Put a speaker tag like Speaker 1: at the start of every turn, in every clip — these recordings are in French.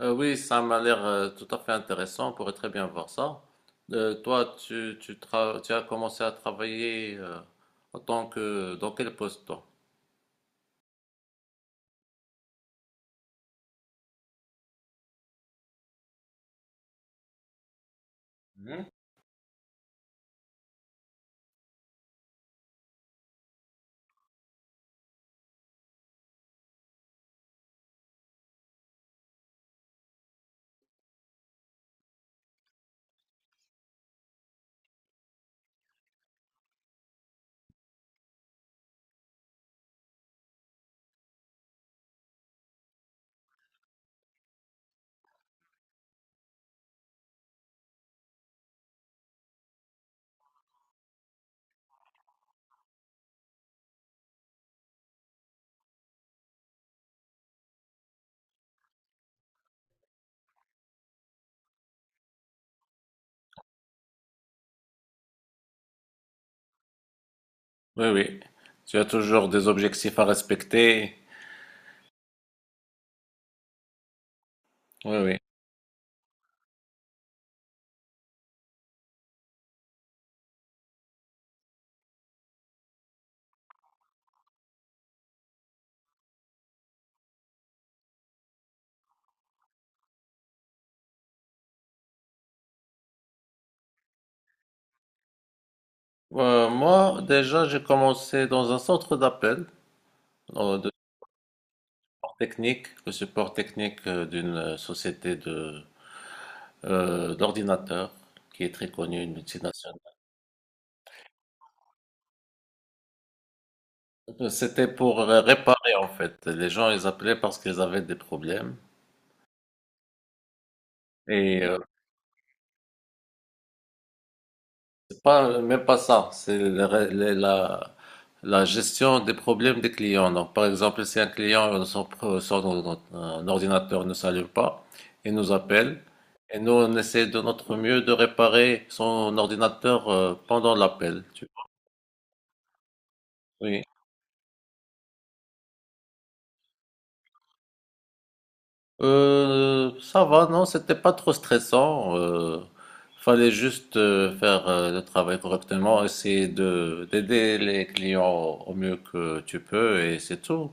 Speaker 1: Oui, ça m'a l'air tout à fait intéressant. On pourrait très bien voir ça. Toi, tu as commencé à travailler en tant que... Dans quel poste, toi? Mhm. Oui, oui. Tu as toujours des objectifs à respecter. Oui, oui. Moi, déjà, j'ai commencé dans un centre d'appel de support technique, le support technique d'une société de d'ordinateurs qui est très connue, une multinationale. C'était pour réparer en fait. Les gens ils appelaient parce qu'ils avaient des problèmes. Et c'est pas même pas ça, c'est le ré- le- la gestion des problèmes des clients. Donc par exemple, si un client un ordinateur ne s'allume pas, il nous appelle et nous on essaie de notre mieux de réparer son ordinateur pendant l'appel. Tu vois. Oui. Ça va, non, c'était pas trop stressant. Fallait juste faire le travail correctement, essayer de d'aider les clients au mieux que tu peux, et c'est tout.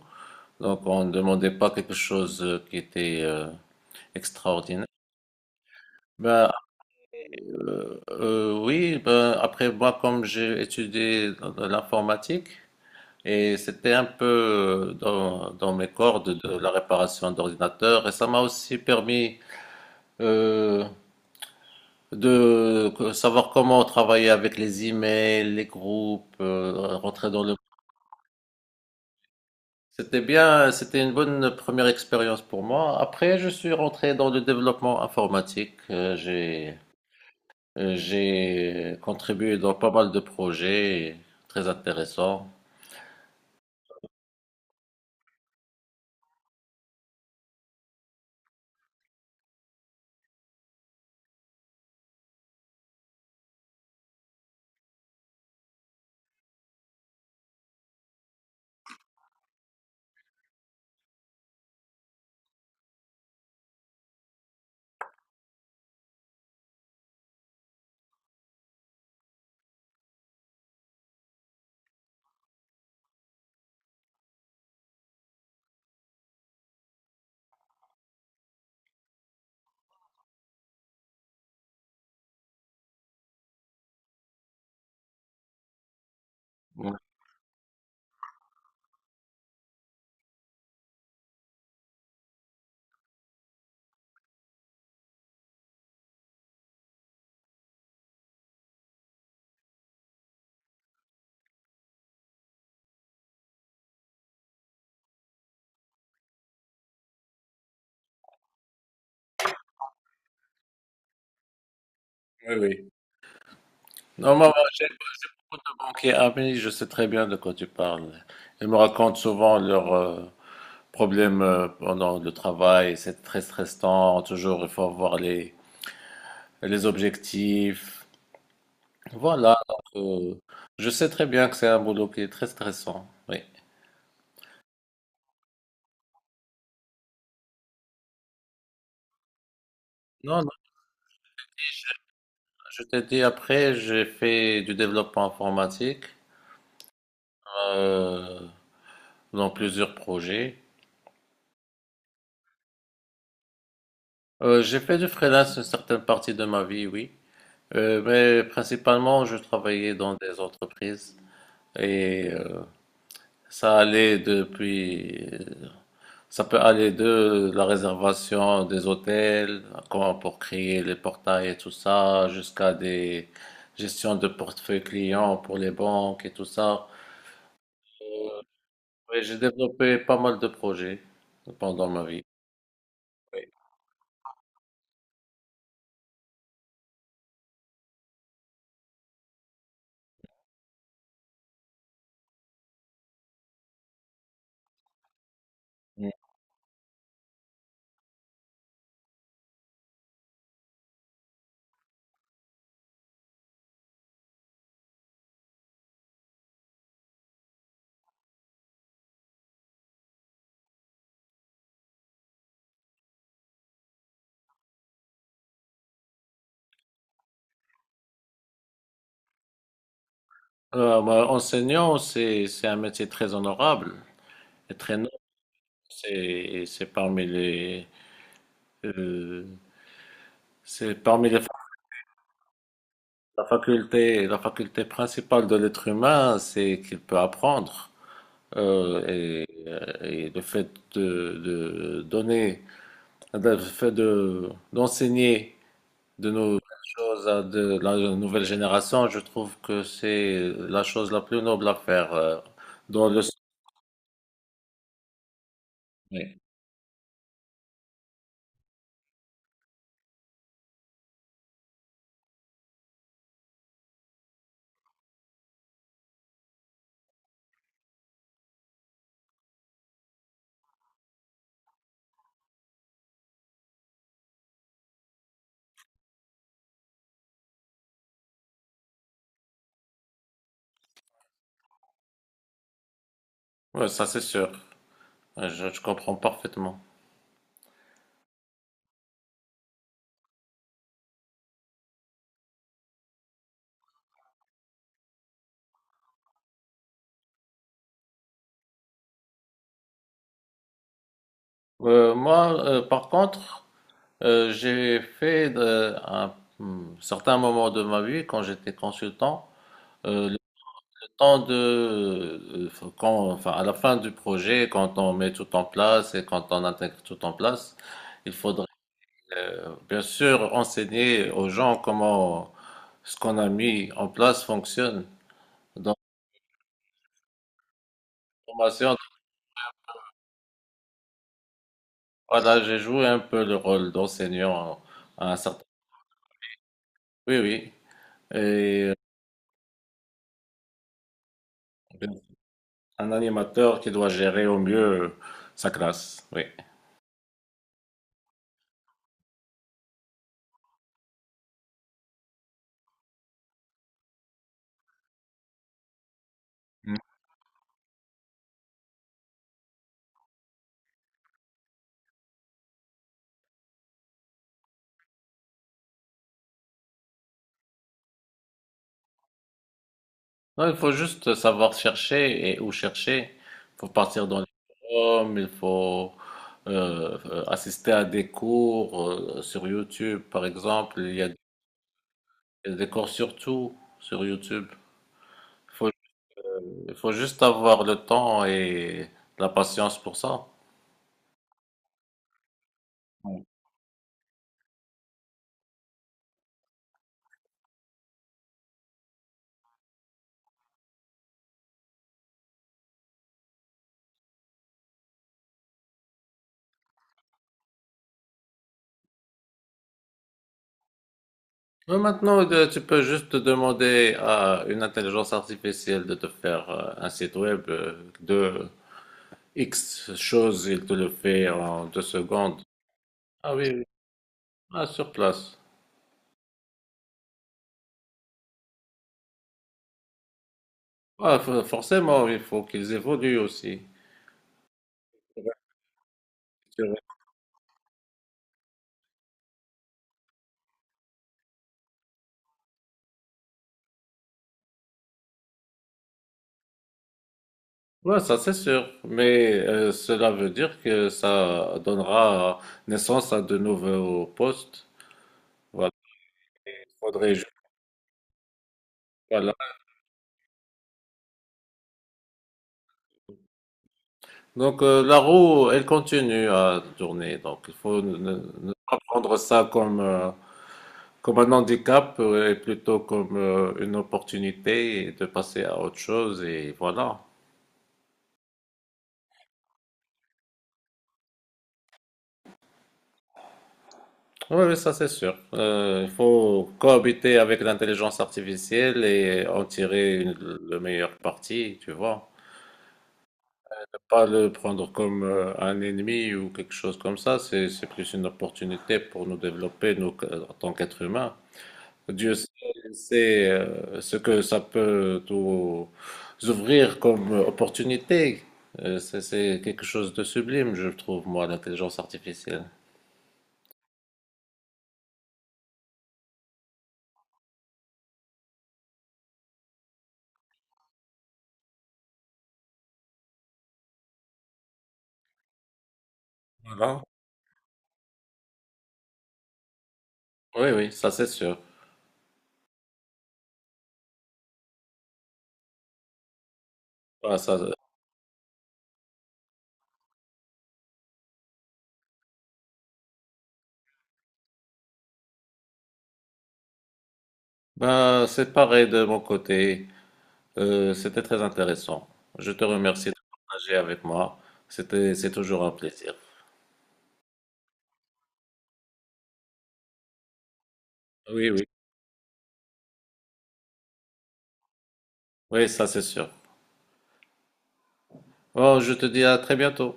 Speaker 1: Donc on ne demandait pas quelque chose qui était extraordinaire. Ben, oui, ben, après moi, comme j'ai étudié dans l'informatique, et c'était un peu dans mes cordes de la réparation d'ordinateurs, et ça m'a aussi permis euh, savoir comment travailler avec les emails, les groupes, rentrer dans le... C'était bien, c'était une bonne première expérience pour moi. Après, je suis rentré dans le développement informatique. J'ai contribué dans pas mal de projets très intéressants. Oui, oui. Non, moi, j'ai beaucoup de banquiers amis, je sais très bien de quoi tu parles. Ils me racontent souvent leurs problèmes pendant le travail, c'est très stressant, toujours il faut avoir les objectifs. Voilà. Donc, je sais très bien que c'est un boulot qui est très stressant. Oui. Non, non, je t'ai dit après, j'ai fait du développement informatique euh, dans plusieurs projets. J'ai fait du freelance une certaine partie de ma vie, oui. Mais principalement, je travaillais dans des entreprises et ça allait depuis ça peut aller de la réservation des hôtels, comment pour créer les portails et tout ça, jusqu'à des gestions de portefeuille client pour les banques et tout ça. Oui, j'ai développé pas mal de projets pendant ma vie. Oui. Enseignant, c'est un métier très honorable et très noble. C'est parmi les euh, c'est parmi la faculté principale de l'être humain, c'est qu'il peut apprendre. Euh, et, et le fait de donner, le fait de, d'enseigner de nouvelles choses à de la nouvelle génération, je trouve que c'est la chose la plus noble à faire dans le sommet. Ouais, ça c'est sûr. Ouais, je comprends parfaitement. Par contre, j'ai fait de- un certain moment de ma vie, quand j'étais consultant, euh, temps de, quand, enfin, à la fin du projet, quand on met tout en place et quand on intègre tout en place, il faudrait bien sûr enseigner aux gens comment ce qu'on a mis en place fonctionne. Dans la formation, voilà, j'ai joué un peu le rôle d'enseignant à un certain. Oui, oui. Et un animateur qui doit gérer au mieux sa classe. Oui. Non, il faut juste savoir chercher et où chercher. Il faut partir dans les forums, il faut assister à des cours sur YouTube, par exemple. Il y a des cours sur tout sur YouTube. Il faut, il faut juste avoir le temps et la patience pour ça. Mais maintenant, tu peux juste demander à une intelligence artificielle de te faire un site web de X choses, il te le fait en deux secondes. Ah oui, oui. Ah, sur place. Ah, forcément, il faut qu'ils évoluent aussi. Ouais, ça c'est sûr, mais cela veut dire que ça donnera naissance à de nouveaux postes. Voilà, il faudrait ju- voilà. Donc la roue, elle continue à tourner. Donc il faut ne pas prendre ça comme comme un handicap et plutôt comme une opportunité de passer à autre chose et voilà. Oui, oui, ça c'est sûr. Il faut cohabiter avec l'intelligence artificielle et en tirer le meilleur parti, tu vois. Pas le prendre comme un ennemi ou quelque chose comme ça, c'est plus une opportunité pour nous développer, nous, en tant qu'êtres humains. Dieu sait ce que ça peut nous ouvrir comme opportunité. C'est quelque chose de sublime, je trouve, moi, l'intelligence artificielle. Oui, oui, ça c'est sûr. Ah, ça. Ben, c'est pareil de mon côté. C'était très intéressant. Je te remercie de partager avec moi. C'est toujours un plaisir. Oui, oui. Oui, ça c'est sûr. Bon, je te dis à très bientôt.